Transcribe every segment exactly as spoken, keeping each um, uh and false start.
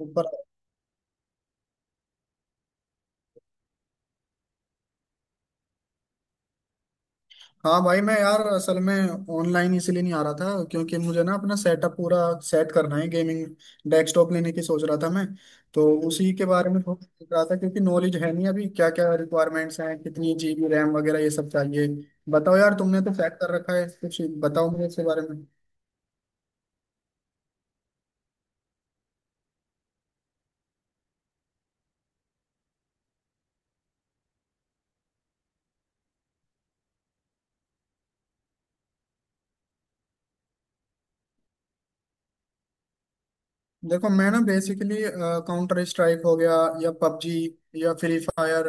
ऊपर। हाँ भाई, मैं यार असल में ऑनलाइन इसलिए नहीं आ रहा था क्योंकि मुझे ना अपना सेटअप पूरा सेट करना है। गेमिंग डेस्कटॉप लेने की सोच रहा था मैं, तो उसी के बारे में थोड़ा सोच रहा था क्योंकि नॉलेज है नहीं अभी, क्या क्या रिक्वायरमेंट्स हैं, कितनी जीबी रैम वगैरह ये सब चाहिए। बताओ यार, तुमने तो सेट कर रखा है कुछ। बताओ मुझे इसके बारे में। देखो, मैं ना बेसिकली काउंटर स्ट्राइक हो गया या पबजी या फ्री फायर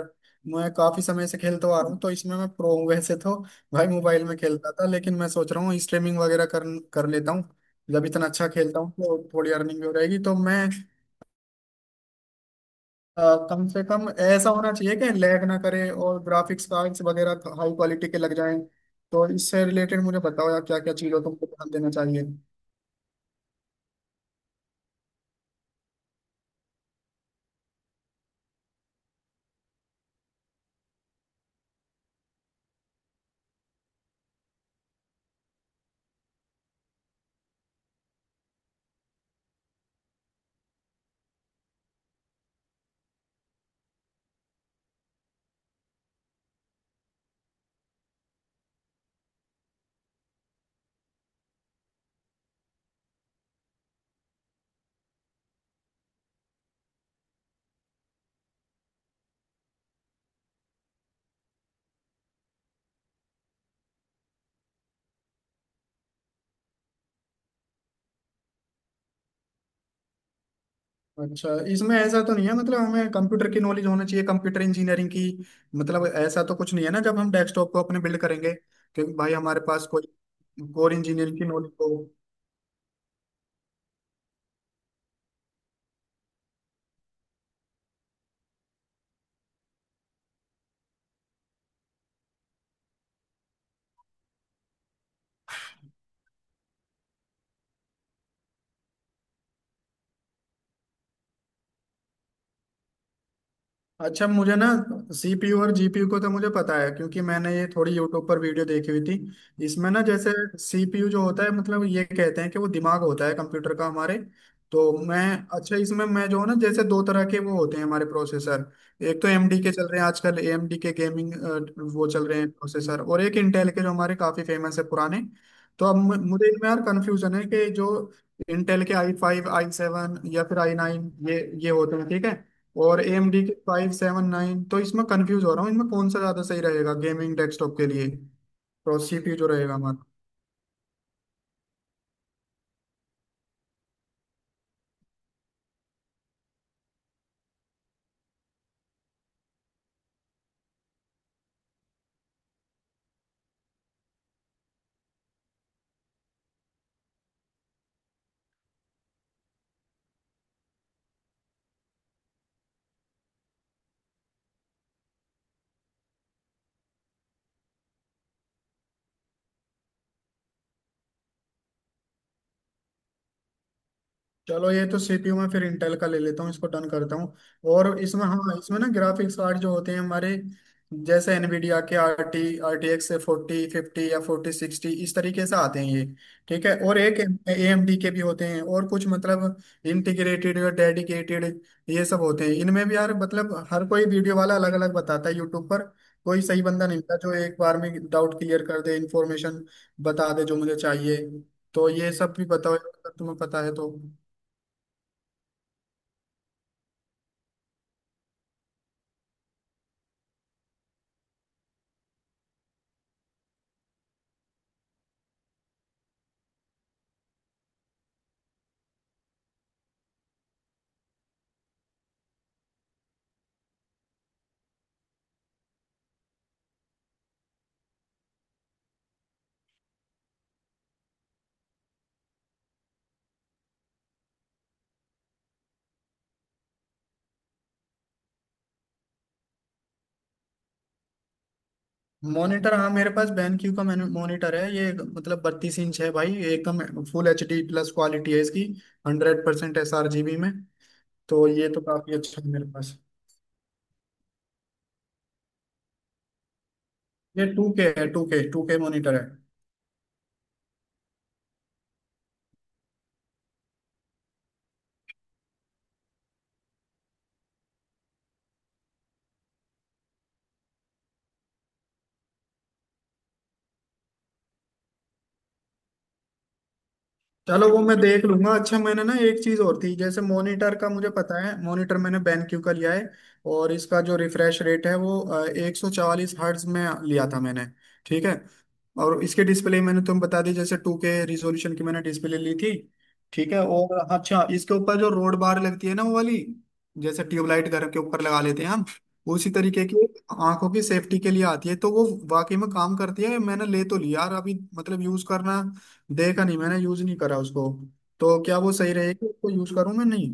मैं काफी समय से खेलता आ रहा हूँ, तो इसमें मैं प्रो हूँ वैसे तो भाई। मोबाइल में खेलता था, लेकिन मैं सोच रहा हूँ स्ट्रीमिंग वगैरह कर कर लेता हूँ। जब इतना अच्छा खेलता हूँ तो थोड़ी अर्निंग भी हो जाएगी, तो मैं, अ, कम से कम ऐसा होना चाहिए कि लैग ना करे, और ग्राफिक्स कार्ड्स वगैरह हाई क्वालिटी के लग जाएं। तो इससे रिलेटेड मुझे बताओ यार, क्या क्या चीज़ों को ध्यान देना चाहिए। अच्छा, इसमें ऐसा तो नहीं है मतलब हमें कंप्यूटर की नॉलेज होना चाहिए, कंप्यूटर इंजीनियरिंग की? मतलब ऐसा तो कुछ नहीं है ना जब हम डेस्कटॉप को अपने बिल्ड करेंगे, क्योंकि भाई हमारे पास कोई कोर इंजीनियरिंग की नॉलेज हो। अच्छा मुझे ना, सी पी यू और जी पी यू को तो मुझे पता है, क्योंकि मैंने ये थोड़ी यूट्यूब पर वीडियो देखी हुई थी इसमें। ना जैसे सी पी यू जो होता है मतलब ये कहते हैं कि वो दिमाग होता है कंप्यूटर का हमारे। तो मैं, अच्छा इसमें मैं, जो है ना, जैसे दो तरह के वो होते हैं हमारे प्रोसेसर। एक तो ए एम डी के चल रहे हैं आजकल, ए एम डी के गेमिंग वो चल रहे हैं प्रोसेसर, और एक इंटेल के जो हमारे काफी फेमस है पुराने। तो अब मु- मुझे इनमें यार कंफ्यूजन है कि जो इंटेल के आई फाइव, आई सेवन या फिर आई नाइन, ये ये होते हैं, ठीक है। और ए एम डी के फाइव सेवन नाइन, तो इसमें कंफ्यूज हो रहा हूँ इनमें कौन सा ज़्यादा सही रहेगा गेमिंग डेस्कटॉप के लिए। तो सी पी यू जो रहेगा हमारा। चलो, ये तो सी पी यू में फिर इंटेल का ले लेता हूँ, इसको डन करता हूँ। और इसमें, हाँ इसमें ना ग्राफिक्स कार्ड जो होते हैं हमारे, जैसे एनवीडिया के R T, R T X forty fifty या फोर्टी सिक्सटी, इस तरीके से आते हैं ये, ठीक है। और एक ए एम डी के भी होते हैं, और कुछ मतलब इंटीग्रेटेड या डेडिकेटेड ये सब होते हैं। इनमें भी यार मतलब हर कोई वीडियो वाला अलग अलग बताता है यूट्यूब पर। कोई सही बंदा नहीं होता जो एक बार में डाउट क्लियर कर दे, इंफॉर्मेशन बता दे जो मुझे चाहिए। तो ये सब भी बताओ अगर तुम्हें पता है तो। मॉनिटर, हाँ मेरे पास BenQ का मॉनिटर है, ये मतलब बत्तीस इंच है भाई, एकदम full H D plus quality है इसकी, hundred percent S R G B में। तो ये तो काफी अच्छा है मेरे पास। ये टू के है, two K two K monitor है। चलो, वो मैं देख लूंगा। अच्छा, मैंने ना एक चीज और थी जैसे, मॉनिटर का मुझे पता है, मॉनिटर मैंने BenQ का लिया है, और इसका जो रिफ्रेश रेट है वो एक सौ चवालीस हर्ट्ज में लिया था मैंने, ठीक है। और इसके डिस्प्ले मैंने तुम बता दी, जैसे टू के रिजोल्यूशन की मैंने डिस्प्ले ली थी, ठीक है। और अच्छा, इसके ऊपर जो रोड बार लगती है ना वो वाली, जैसे ट्यूबलाइट घर के ऊपर लगा लेते हैं हम, उसी तरीके की एक आंखों की सेफ्टी के लिए आती है, तो वो वाकई में काम करती है? मैंने ले तो लिया यार, अभी मतलब यूज करना देखा नहीं, मैंने यूज नहीं करा उसको। तो क्या वो सही रहेगी, उसको यूज करूँ मैं नहीं?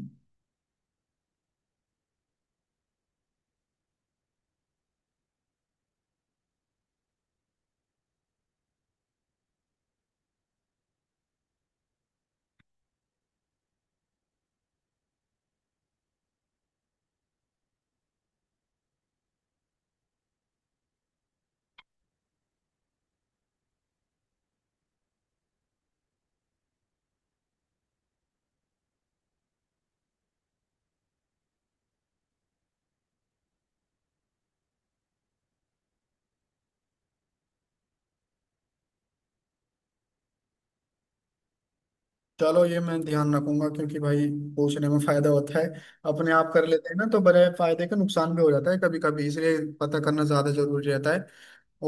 चलो ये मैं ध्यान रखूंगा, क्योंकि भाई पूछने में फायदा होता है। अपने आप कर लेते हैं ना तो बड़े फायदे का नुकसान भी हो जाता है कभी कभी, इसलिए पता करना ज्यादा जरूरी रहता है।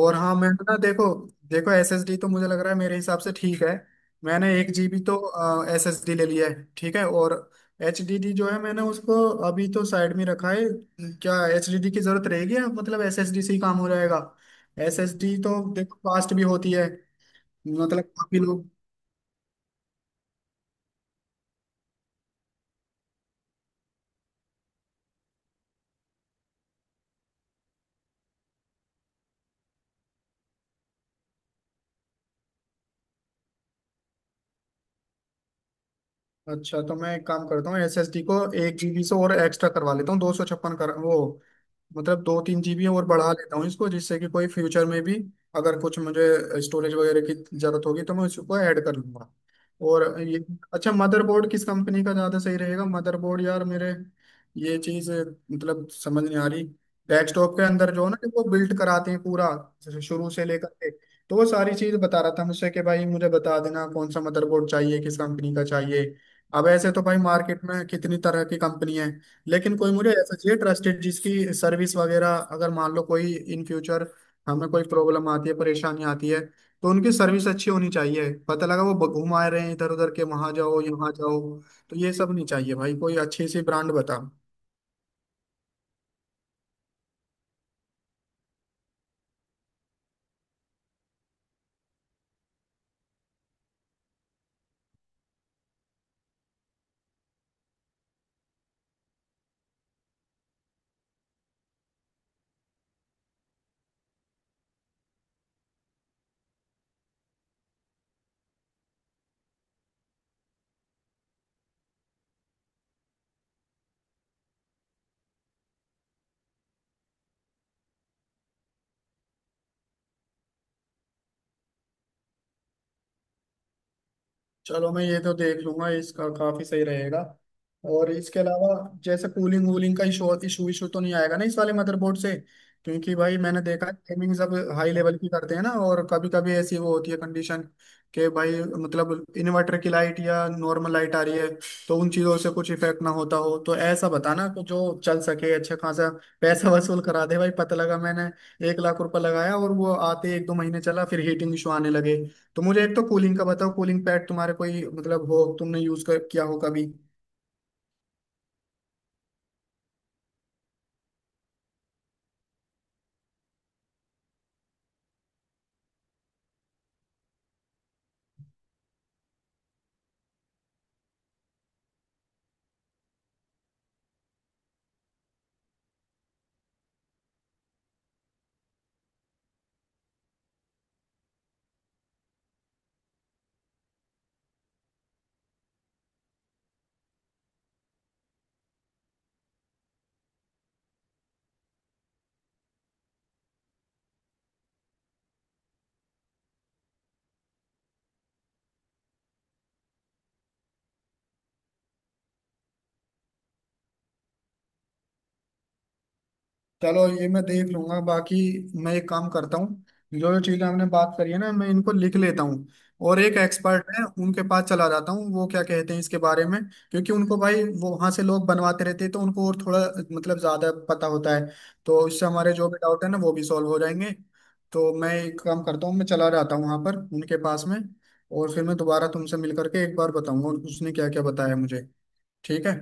और हाँ, मैं ना, देखो देखो एस एस डी तो मुझे लग रहा है मेरे हिसाब से ठीक है, मैंने एक जीबी तो एस एस डी ले लिया है, ठीक है। और एच डी डी जो है मैंने उसको अभी तो साइड में रखा है। क्या एच डी डी की जरूरत रहेगी, या मतलब एस एस डी से ही काम हो जाएगा? एस एस डी तो देखो फास्ट भी होती है, मतलब काफी लोग। अच्छा, तो मैं एक काम करता हूँ, एस एस डी को एक जीबी से और एक्स्ट्रा करवा लेता हूँ, दो सौ छप्पन कर, वो मतलब दो तीन जीबी और बढ़ा लेता हूँ इसको, जिससे कि कोई फ्यूचर में भी अगर कुछ मुझे स्टोरेज वगैरह की जरूरत होगी तो मैं उसको ऐड कर लूंगा। और ये, अच्छा मदरबोर्ड किस कंपनी का ज़्यादा सही रहेगा? मदरबोर्ड यार, मेरे ये चीज़ मतलब समझ नहीं आ रही। डेस्कटॉप के अंदर जो है ना, कि वो बिल्ड कराते हैं पूरा शुरू से लेकर के, तो वो सारी चीज़ बता रहा था मुझसे कि भाई मुझे बता देना कौन सा मदरबोर्ड चाहिए, किस कंपनी का चाहिए। अब ऐसे तो भाई मार्केट में कितनी तरह की कंपनी है, लेकिन कोई मुझे ऐसा चाहिए ट्रस्टेड, जिसकी सर्विस वगैरह, अगर मान लो कोई इन फ्यूचर हमें कोई प्रॉब्लम आती है, परेशानी आती है, तो उनकी सर्विस अच्छी होनी चाहिए। पता लगा वो घुमा रहे हैं इधर उधर के, वहां जाओ, यहाँ जाओ, तो ये सब नहीं चाहिए भाई, कोई अच्छी सी ब्रांड बता। चलो, मैं ये तो देख लूंगा, इसका काफी सही रहेगा। और इसके अलावा जैसे कूलिंग वूलिंग का इशू इशू इशू तो नहीं आएगा ना इस वाले मदरबोर्ड से? क्योंकि भाई मैंने देखा है गेमिंग सब हाई लेवल की करते हैं ना, और कभी कभी ऐसी वो होती है कंडीशन कि भाई मतलब इन्वर्टर की लाइट या नॉर्मल लाइट आ रही है, तो उन चीजों से कुछ इफेक्ट ना होता हो, तो ऐसा बताना कि जो चल सके अच्छा खासा। पैसा वसूल करा दे भाई, पता लगा मैंने एक लाख रुपए लगाया और वो आते एक दो महीने चला, फिर हीटिंग इशू आने लगे। तो मुझे एक तो कूलिंग का बताओ, कूलिंग पैड तुम्हारे कोई मतलब हो, तुमने यूज कर किया हो कभी? चलो ये मैं देख लूंगा बाकी। मैं एक काम करता हूँ, जो जो चीजें हमने बात करी है ना मैं इनको लिख लेता हूँ, और एक एक्सपर्ट है उनके पास चला जाता हूँ, वो क्या कहते हैं इसके बारे में। क्योंकि उनको भाई वो वहां से लोग बनवाते रहते हैं, तो उनको और थोड़ा मतलब ज्यादा पता होता है, तो इससे हमारे जो भी डाउट है ना वो भी सॉल्व हो जाएंगे। तो मैं एक काम करता हूँ, मैं चला जाता हूँ वहां पर उनके पास में, और फिर मैं दोबारा तुमसे मिल करके एक बार बताऊंगा उसने क्या क्या बताया मुझे, ठीक है।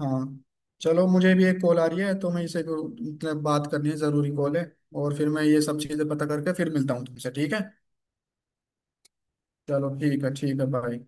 हाँ, चलो मुझे भी एक कॉल आ रही है, तो मैं इसे को- मतलब बात करनी है, ज़रूरी कॉल है, और फिर मैं ये सब चीज़ें पता करके फिर मिलता हूँ तुमसे, ठीक है। चलो ठीक है, ठीक है, बाय।